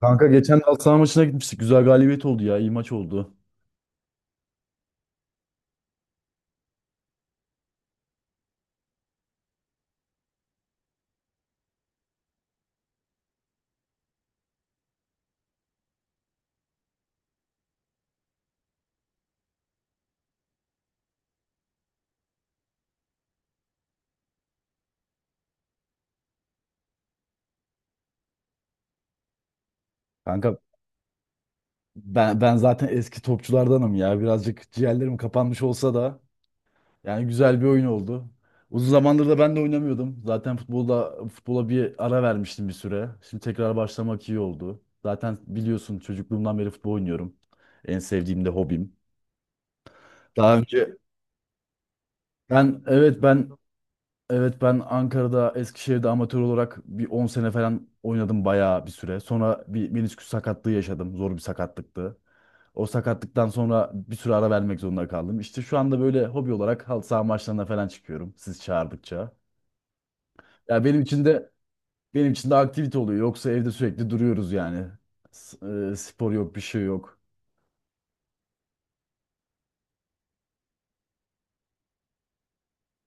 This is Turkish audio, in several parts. Kanka geçen halı saha maçına gitmiştik. Güzel galibiyet oldu ya. İyi maç oldu. Kanka ben zaten eski topçulardanım ya. Birazcık ciğerlerim kapanmış olsa da yani güzel bir oyun oldu. Uzun zamandır da ben de oynamıyordum. Zaten futbola bir ara vermiştim bir süre. Şimdi tekrar başlamak iyi oldu. Zaten biliyorsun çocukluğumdan beri futbol oynuyorum. En sevdiğim de hobim. Daha önce, ben evet ben Evet ben Ankara'da, Eskişehir'de amatör olarak bir 10 sene falan oynadım, bayağı bir süre. Sonra bir menisküs sakatlığı yaşadım. Zor bir sakatlıktı. O sakatlıktan sonra bir süre ara vermek zorunda kaldım. İşte şu anda böyle hobi olarak halı saha maçlarına falan çıkıyorum, siz çağırdıkça. Ya benim için de aktivite oluyor. Yoksa evde sürekli duruyoruz yani. S- Spor yok, bir şey yok.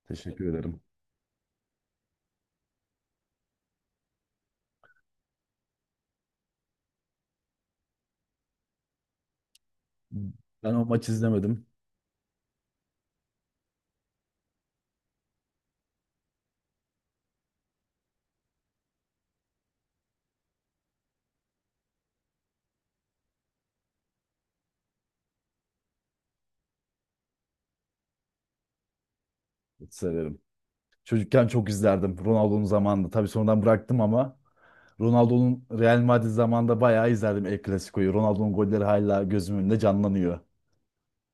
Teşekkür ederim. Ben o maç izlemedim. Hiç severim. Çocukken çok izlerdim Ronaldo'nun zamanında. Tabii sonradan bıraktım ama Ronaldo'nun Real Madrid zamanında bayağı izlerdim El Clasico'yu. Ronaldo'nun golleri hala gözümün önünde canlanıyor.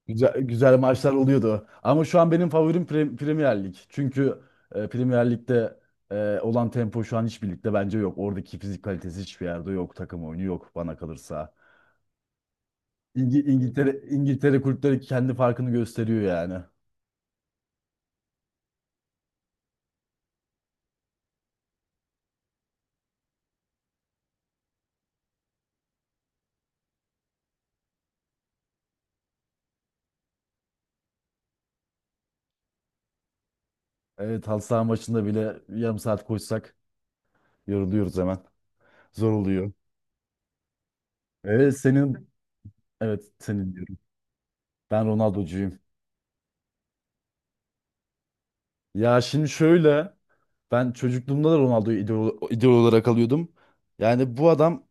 Güzel, güzel maçlar oluyordu. Ama şu an benim favorim Premier Lig. Çünkü Premier Lig'de olan tempo şu an hiçbir ligde bence yok. Oradaki fizik kalitesi hiçbir yerde yok. Takım oyunu yok bana kalırsa. İngiltere kulüpleri kendi farkını gösteriyor yani. Evet, halı saha maçında bile yarım saat koşsak yoruluyoruz hemen. Zor oluyor. Evet senin evet, senin diyorum. Ben Ronaldo'cuyum. Ya şimdi şöyle, ben çocukluğumda da Ronaldo'yu idol olarak alıyordum. Yani bu adam,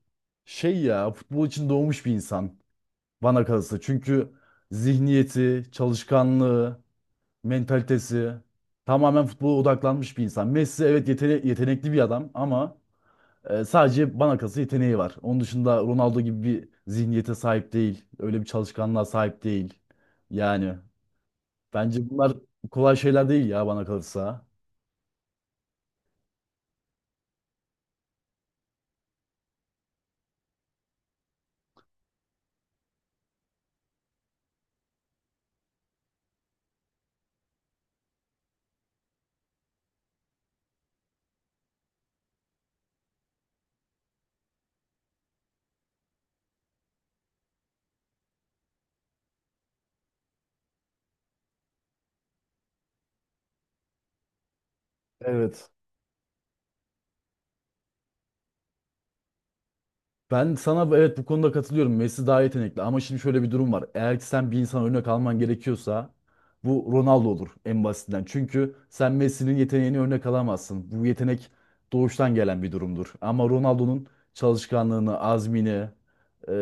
şey ya, futbol için doğmuş bir insan bana kalırsa. Çünkü zihniyeti, çalışkanlığı, mentalitesi tamamen futbola odaklanmış bir insan. Messi, evet, yetenekli bir adam ama sadece bana kalırsa yeteneği var. Onun dışında Ronaldo gibi bir zihniyete sahip değil. Öyle bir çalışkanlığa sahip değil. Yani, bence bunlar kolay şeyler değil ya bana kalırsa. Evet. Ben sana, evet, bu konuda katılıyorum. Messi daha yetenekli ama şimdi şöyle bir durum var. Eğer ki sen bir insan örnek alman gerekiyorsa bu Ronaldo olur en basitinden. Çünkü sen Messi'nin yeteneğini örnek alamazsın. Bu yetenek doğuştan gelen bir durumdur. Ama Ronaldo'nun çalışkanlığını, azmini,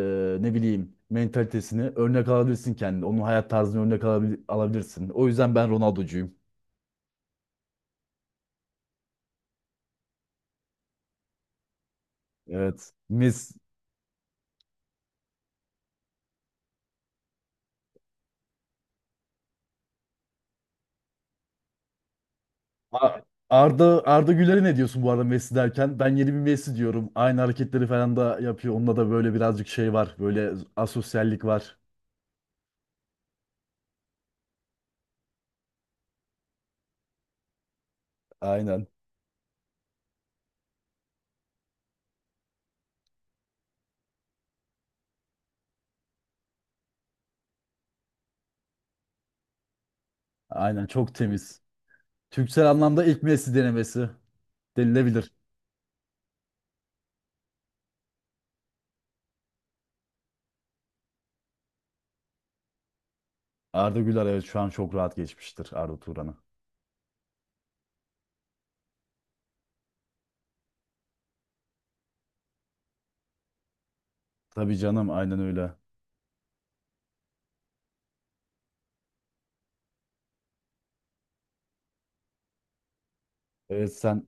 ne bileyim, mentalitesini örnek alabilirsin kendine. Onun hayat tarzını örnek alabilirsin. O yüzden ben Ronaldo'cuyum. Evet. Messi, A- Arda Güler'e ne diyorsun bu arada, Messi derken? Ben yeni bir Messi diyorum. Aynı hareketleri falan da yapıyor. Onunla da böyle birazcık şey var. Böyle asosyallik var. Aynen. Aynen, çok temiz. Türksel anlamda ilk Messi denemesi denilebilir. Arda Güler, evet, şu an çok rahat geçmiştir Arda Turan'ı. Tabii canım, aynen öyle. Evet.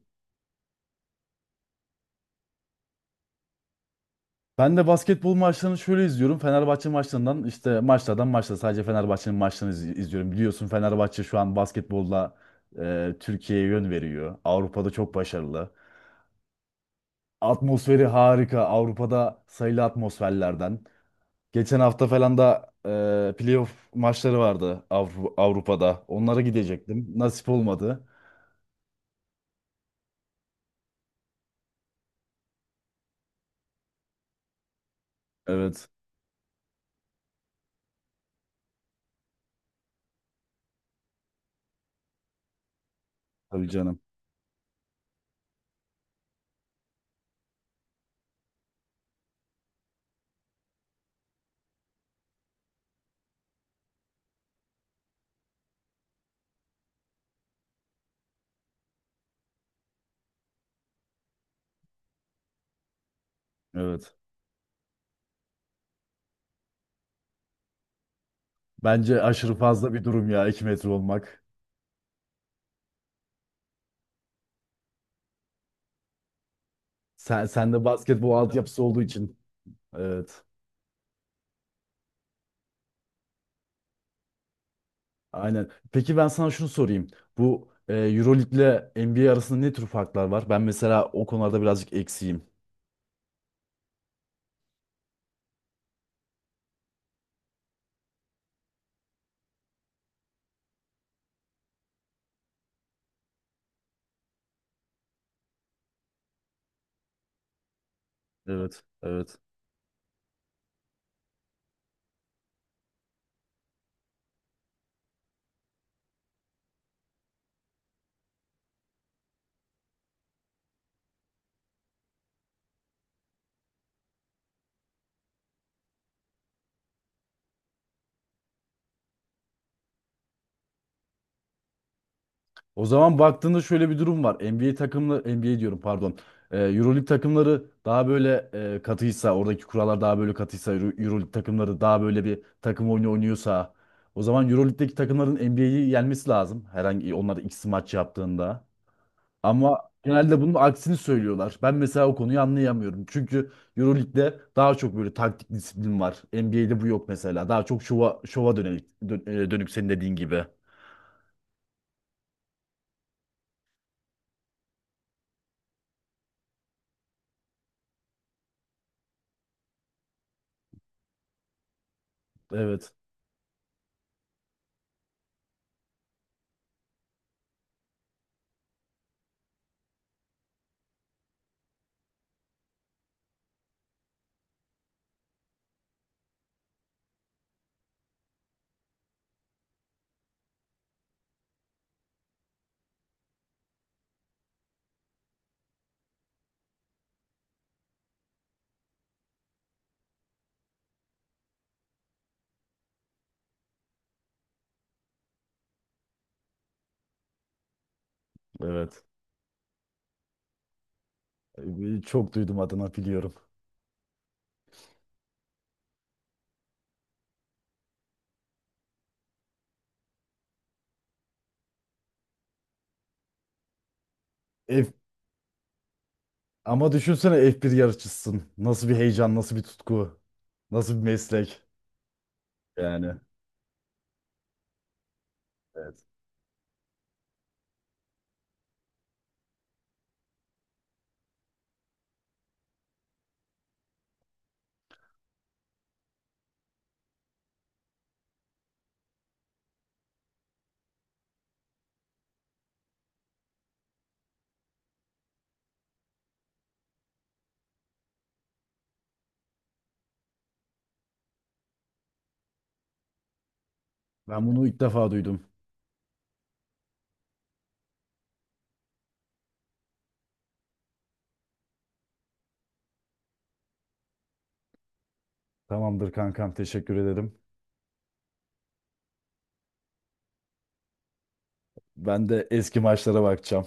Ben de basketbol maçlarını şöyle izliyorum. Fenerbahçe işte maçta sadece Fenerbahçe'nin maçlarını izliyorum. Biliyorsun, Fenerbahçe şu an basketbolla Türkiye'ye yön veriyor. Avrupa'da çok başarılı. Atmosferi harika. Avrupa'da sayılı atmosferlerden. Geçen hafta falan da playoff maçları vardı Avrupa'da. Onlara gidecektim. Nasip olmadı. Evet. Tabii canım. Evet. Bence aşırı fazla bir durum ya 2 metre olmak. Sen de basketbol altyapısı olduğu için. Evet. Aynen. Peki ben sana şunu sorayım. Bu Euroleague ile NBA arasında ne tür farklar var? Ben mesela o konularda birazcık eksiğim. Evet, evet. O zaman baktığında şöyle bir durum var. NBA takımları, NBA diyorum, pardon. Euroleague takımları daha böyle katıysa, oradaki kurallar daha böyle katıysa, Euroleague takımları daha böyle bir takım oyunu oynuyorsa, o zaman Euroleague'deki takımların NBA'yi yenmesi lazım. Herhangi onlar ikisi maç yaptığında. Ama genelde bunun aksini söylüyorlar. Ben mesela o konuyu anlayamıyorum. Çünkü EuroLeague'de daha çok böyle taktik disiplin var. NBA'de bu yok mesela. Daha çok şova dönük, senin dediğin gibi. Evet, evet. Çok duydum adına, biliyorum. F- ama düşünsene, F1 yarışçısın. Nasıl bir heyecan, nasıl bir tutku, nasıl bir meslek. Yani evet. Ben bunu ilk defa duydum. Tamamdır kankam, teşekkür ederim. Ben de eski maçlara bakacağım.